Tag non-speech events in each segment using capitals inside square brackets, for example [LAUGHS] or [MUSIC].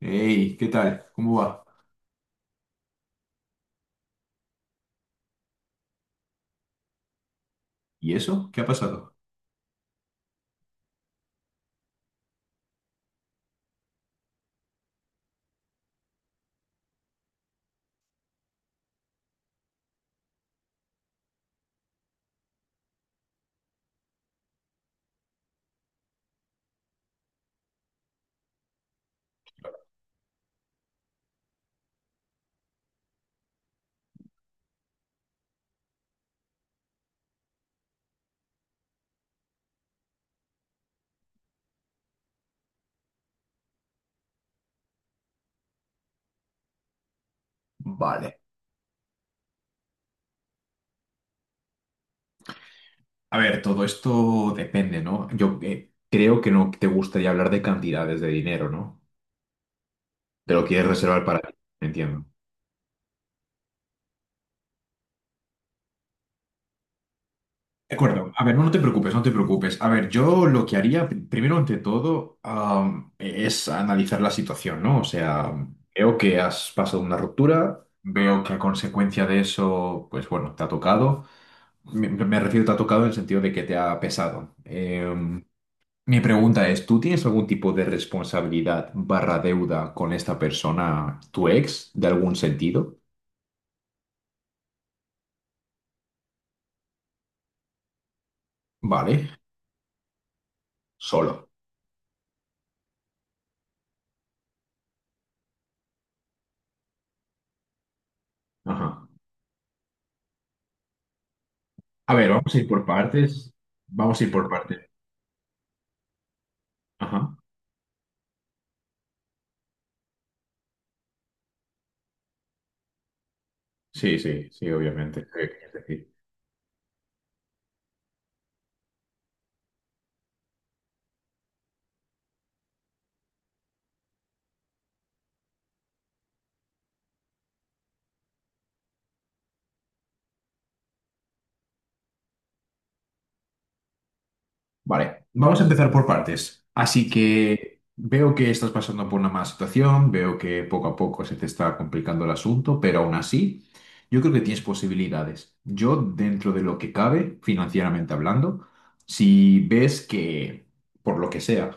Hey, ¿qué tal? ¿Cómo va? ¿Y eso? ¿Qué ha pasado? Vale. A ver, todo esto depende, ¿no? Yo creo que no te gustaría hablar de cantidades de dinero, ¿no? Te lo quieres reservar para ti, entiendo. De acuerdo. A ver, no te preocupes, no te preocupes. A ver, yo lo que haría, primero ante todo, es analizar la situación, ¿no? O sea, veo que has pasado una ruptura, veo que a consecuencia de eso, pues bueno, te ha tocado. Me refiero, te ha tocado en el sentido de que te ha pesado. Mi pregunta es, ¿tú tienes algún tipo de responsabilidad barra deuda con esta persona, tu ex, de algún sentido? Vale, solo. Ajá. A ver, vamos a ir por partes. Vamos a ir por partes. Ajá. Sí, sí, sí, obviamente. Sí, es decir. Vale, vamos a empezar por partes. Así que veo que estás pasando por una mala situación, veo que poco a poco se te está complicando el asunto, pero aún así, yo creo que tienes posibilidades. Yo, dentro de lo que cabe, financieramente hablando, si ves que, por lo que sea,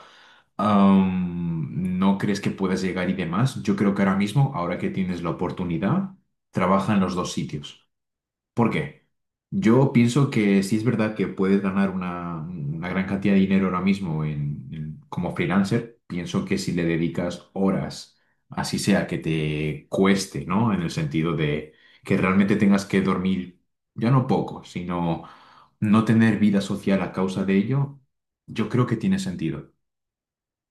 no crees que puedas llegar y demás, yo creo que ahora mismo, ahora que tienes la oportunidad, trabaja en los dos sitios. ¿Por qué? Yo pienso que sí es verdad que puedes ganar una gran cantidad de dinero ahora mismo como freelancer. Pienso que si le dedicas horas, así sea que te cueste, ¿no? En el sentido de que realmente tengas que dormir, ya no poco, sino no tener vida social a causa de ello, yo creo que tiene sentido.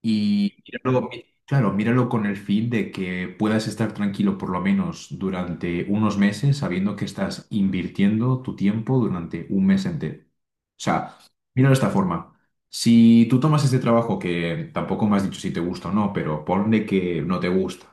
Y míralo, claro, míralo con el fin de que puedas estar tranquilo por lo menos durante unos meses, sabiendo que estás invirtiendo tu tiempo durante un mes entero. O sea, míralo de esta forma. Si tú tomas este trabajo que tampoco me has dicho si te gusta o no, pero ponle que no te gusta,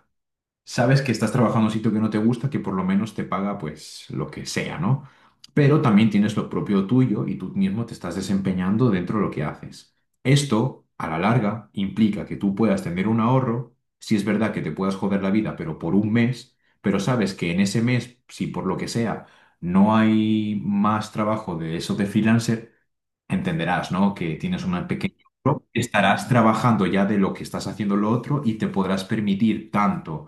sabes que estás trabajando en un sitio que no te gusta, que por lo menos te paga pues lo que sea, ¿no? Pero también tienes lo propio tuyo y tú mismo te estás desempeñando dentro de lo que haces. Esto, a la larga, implica que tú puedas tener un ahorro, si es verdad que te puedas joder la vida, pero por un mes, pero sabes que en ese mes, si por lo que sea no hay más trabajo de eso de freelancer, entenderás, ¿no? Que tienes una pequeña... Estarás trabajando ya de lo que estás haciendo lo otro y te podrás permitir tanto,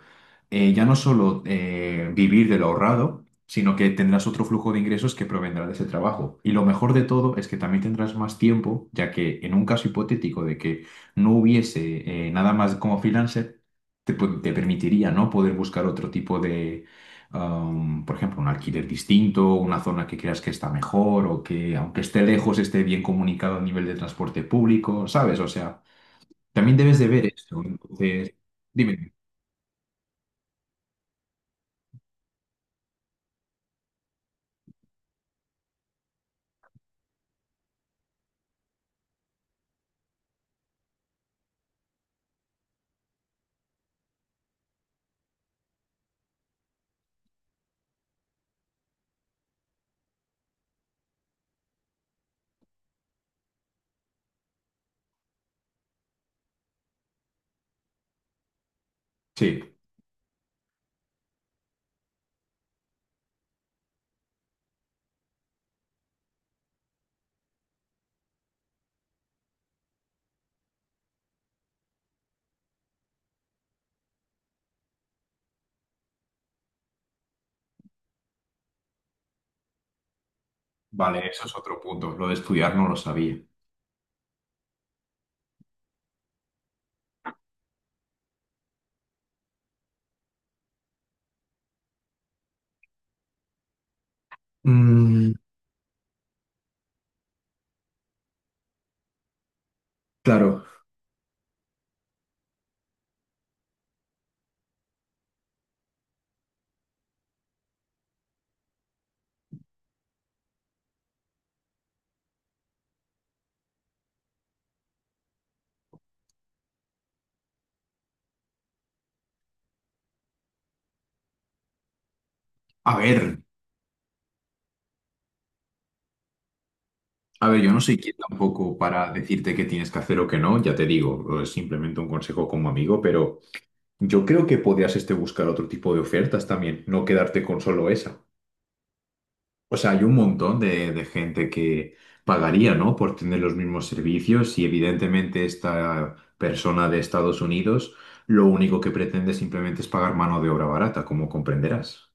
ya no solo vivir de lo ahorrado, sino que tendrás otro flujo de ingresos que provendrá de ese trabajo. Y lo mejor de todo es que también tendrás más tiempo, ya que en un caso hipotético de que no hubiese nada más como freelancer, te, te permitiría, ¿no? Poder buscar otro tipo de por ejemplo, un alquiler distinto, una zona que creas que está mejor o que aunque esté lejos esté bien comunicado a nivel de transporte público, ¿sabes? O sea, también debes de ver esto. Entonces, dime, sí, vale, eso es otro punto. Lo de estudiar no lo sabía. Mm, claro. A ver, a ver, yo no soy quien tampoco para decirte qué tienes que hacer o qué no, ya te digo, es simplemente un consejo como amigo, pero yo creo que podrías este buscar otro tipo de ofertas también, no quedarte con solo esa. O sea, hay un montón de gente que pagaría, ¿no? Por tener los mismos servicios y evidentemente esta persona de Estados Unidos lo único que pretende simplemente es pagar mano de obra barata, como comprenderás.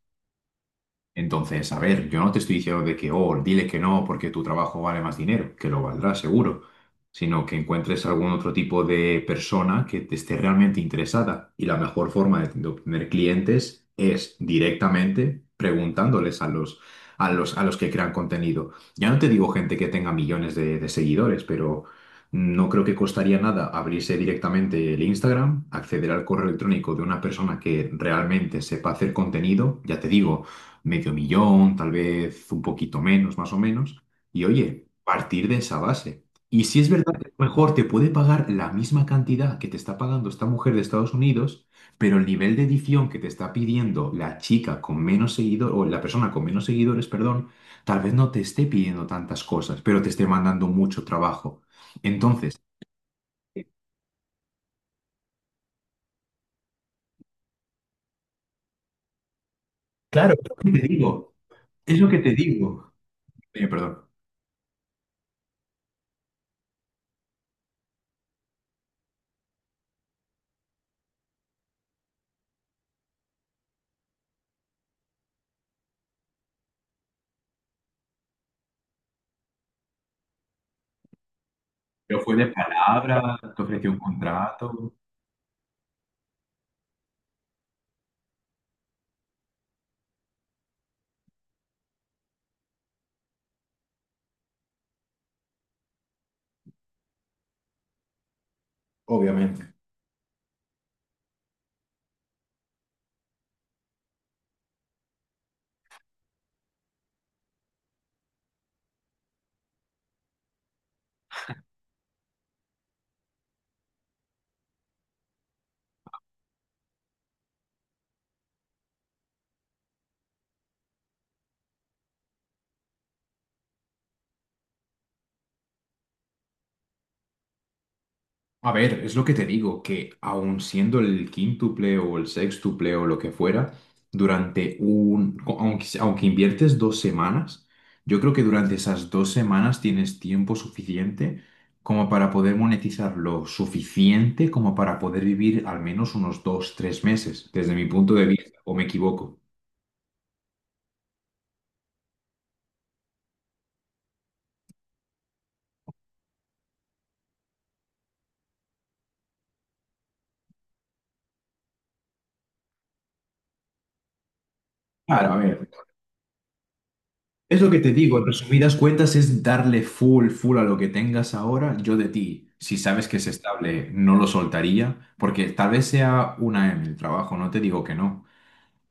Entonces, a ver, yo no te estoy diciendo de que, oh, dile que no porque tu trabajo vale más dinero, que lo valdrá seguro, sino que encuentres algún otro tipo de persona que te esté realmente interesada. Y la mejor forma de obtener clientes es directamente preguntándoles a los que crean contenido. Ya no te digo gente que tenga millones de seguidores, pero no creo que costaría nada abrirse directamente el Instagram, acceder al correo electrónico de una persona que realmente sepa hacer contenido, ya te digo medio millón, tal vez un poquito menos, más o menos. Y oye, partir de esa base. Y si es verdad que a lo mejor te puede pagar la misma cantidad que te está pagando esta mujer de Estados Unidos, pero el nivel de edición que te está pidiendo la chica con menos seguidores, o la persona con menos seguidores, perdón, tal vez no te esté pidiendo tantas cosas, pero te esté mandando mucho trabajo. Entonces, ¿qué te digo? Es lo que te digo. Perdón. Pero fue de palabra, te ofreció un contrato. Obviamente. A ver, es lo que te digo, que aun siendo el quíntuple o el sextuple o lo que fuera, durante un, aunque inviertes dos semanas, yo creo que durante esas dos semanas tienes tiempo suficiente como para poder monetizar lo suficiente como para poder vivir al menos unos dos, tres meses, desde mi punto de vista, o me equivoco. Claro, a ver. Es lo que te digo, en resumidas cuentas es darle full, full a lo que tengas ahora, yo de ti. Si sabes que es estable, no lo soltaría, porque tal vez sea una en el trabajo, no te digo que no,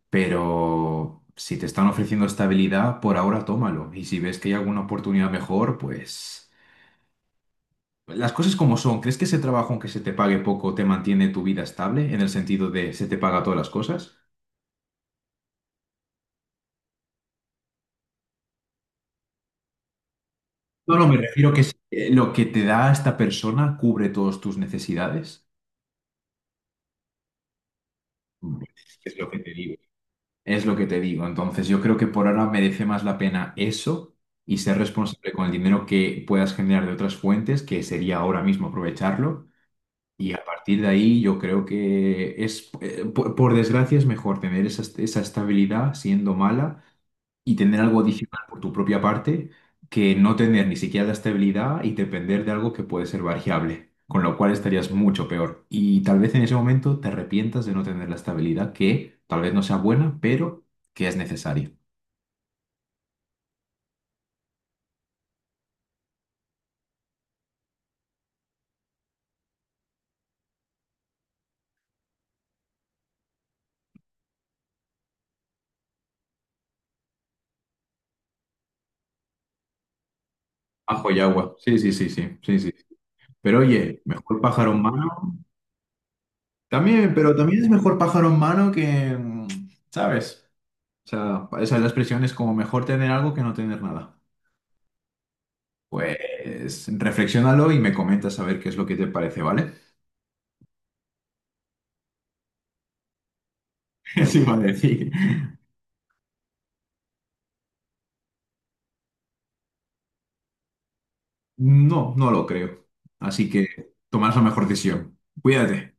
pero si te están ofreciendo estabilidad, por ahora tómalo. Y si ves que hay alguna oportunidad mejor, pues las cosas como son. ¿Crees que ese trabajo, aunque se te pague poco, te mantiene tu vida estable en el sentido de se te paga todas las cosas? No, no, me refiero que si, lo que te da esta persona cubre todas tus necesidades. Es lo que te digo. Es lo que te digo. Entonces, yo creo que por ahora merece más la pena eso y ser responsable con el dinero que puedas generar de otras fuentes, que sería ahora mismo aprovecharlo. Y a partir de ahí, yo creo que es, por desgracia, es mejor tener esa estabilidad siendo mala y tener algo adicional por tu propia parte que no tener ni siquiera la estabilidad y depender de algo que puede ser variable, con lo cual estarías mucho peor. Y tal vez en ese momento te arrepientas de no tener la estabilidad que tal vez no sea buena, pero que es necesaria. Bajo y agua. Sí, sí, sí, sí, sí, sí. Pero oye, mejor pájaro en mano. También, pero también es mejor pájaro en mano que, ¿sabes? O sea, esa es la expresión, es como mejor tener algo que no tener nada. Pues reflexiónalo y me comentas a ver qué es lo que te parece, ¿vale? [LAUGHS] Eso iba a decir. No, no lo creo. Así que tomarás la mejor decisión. Cuídate.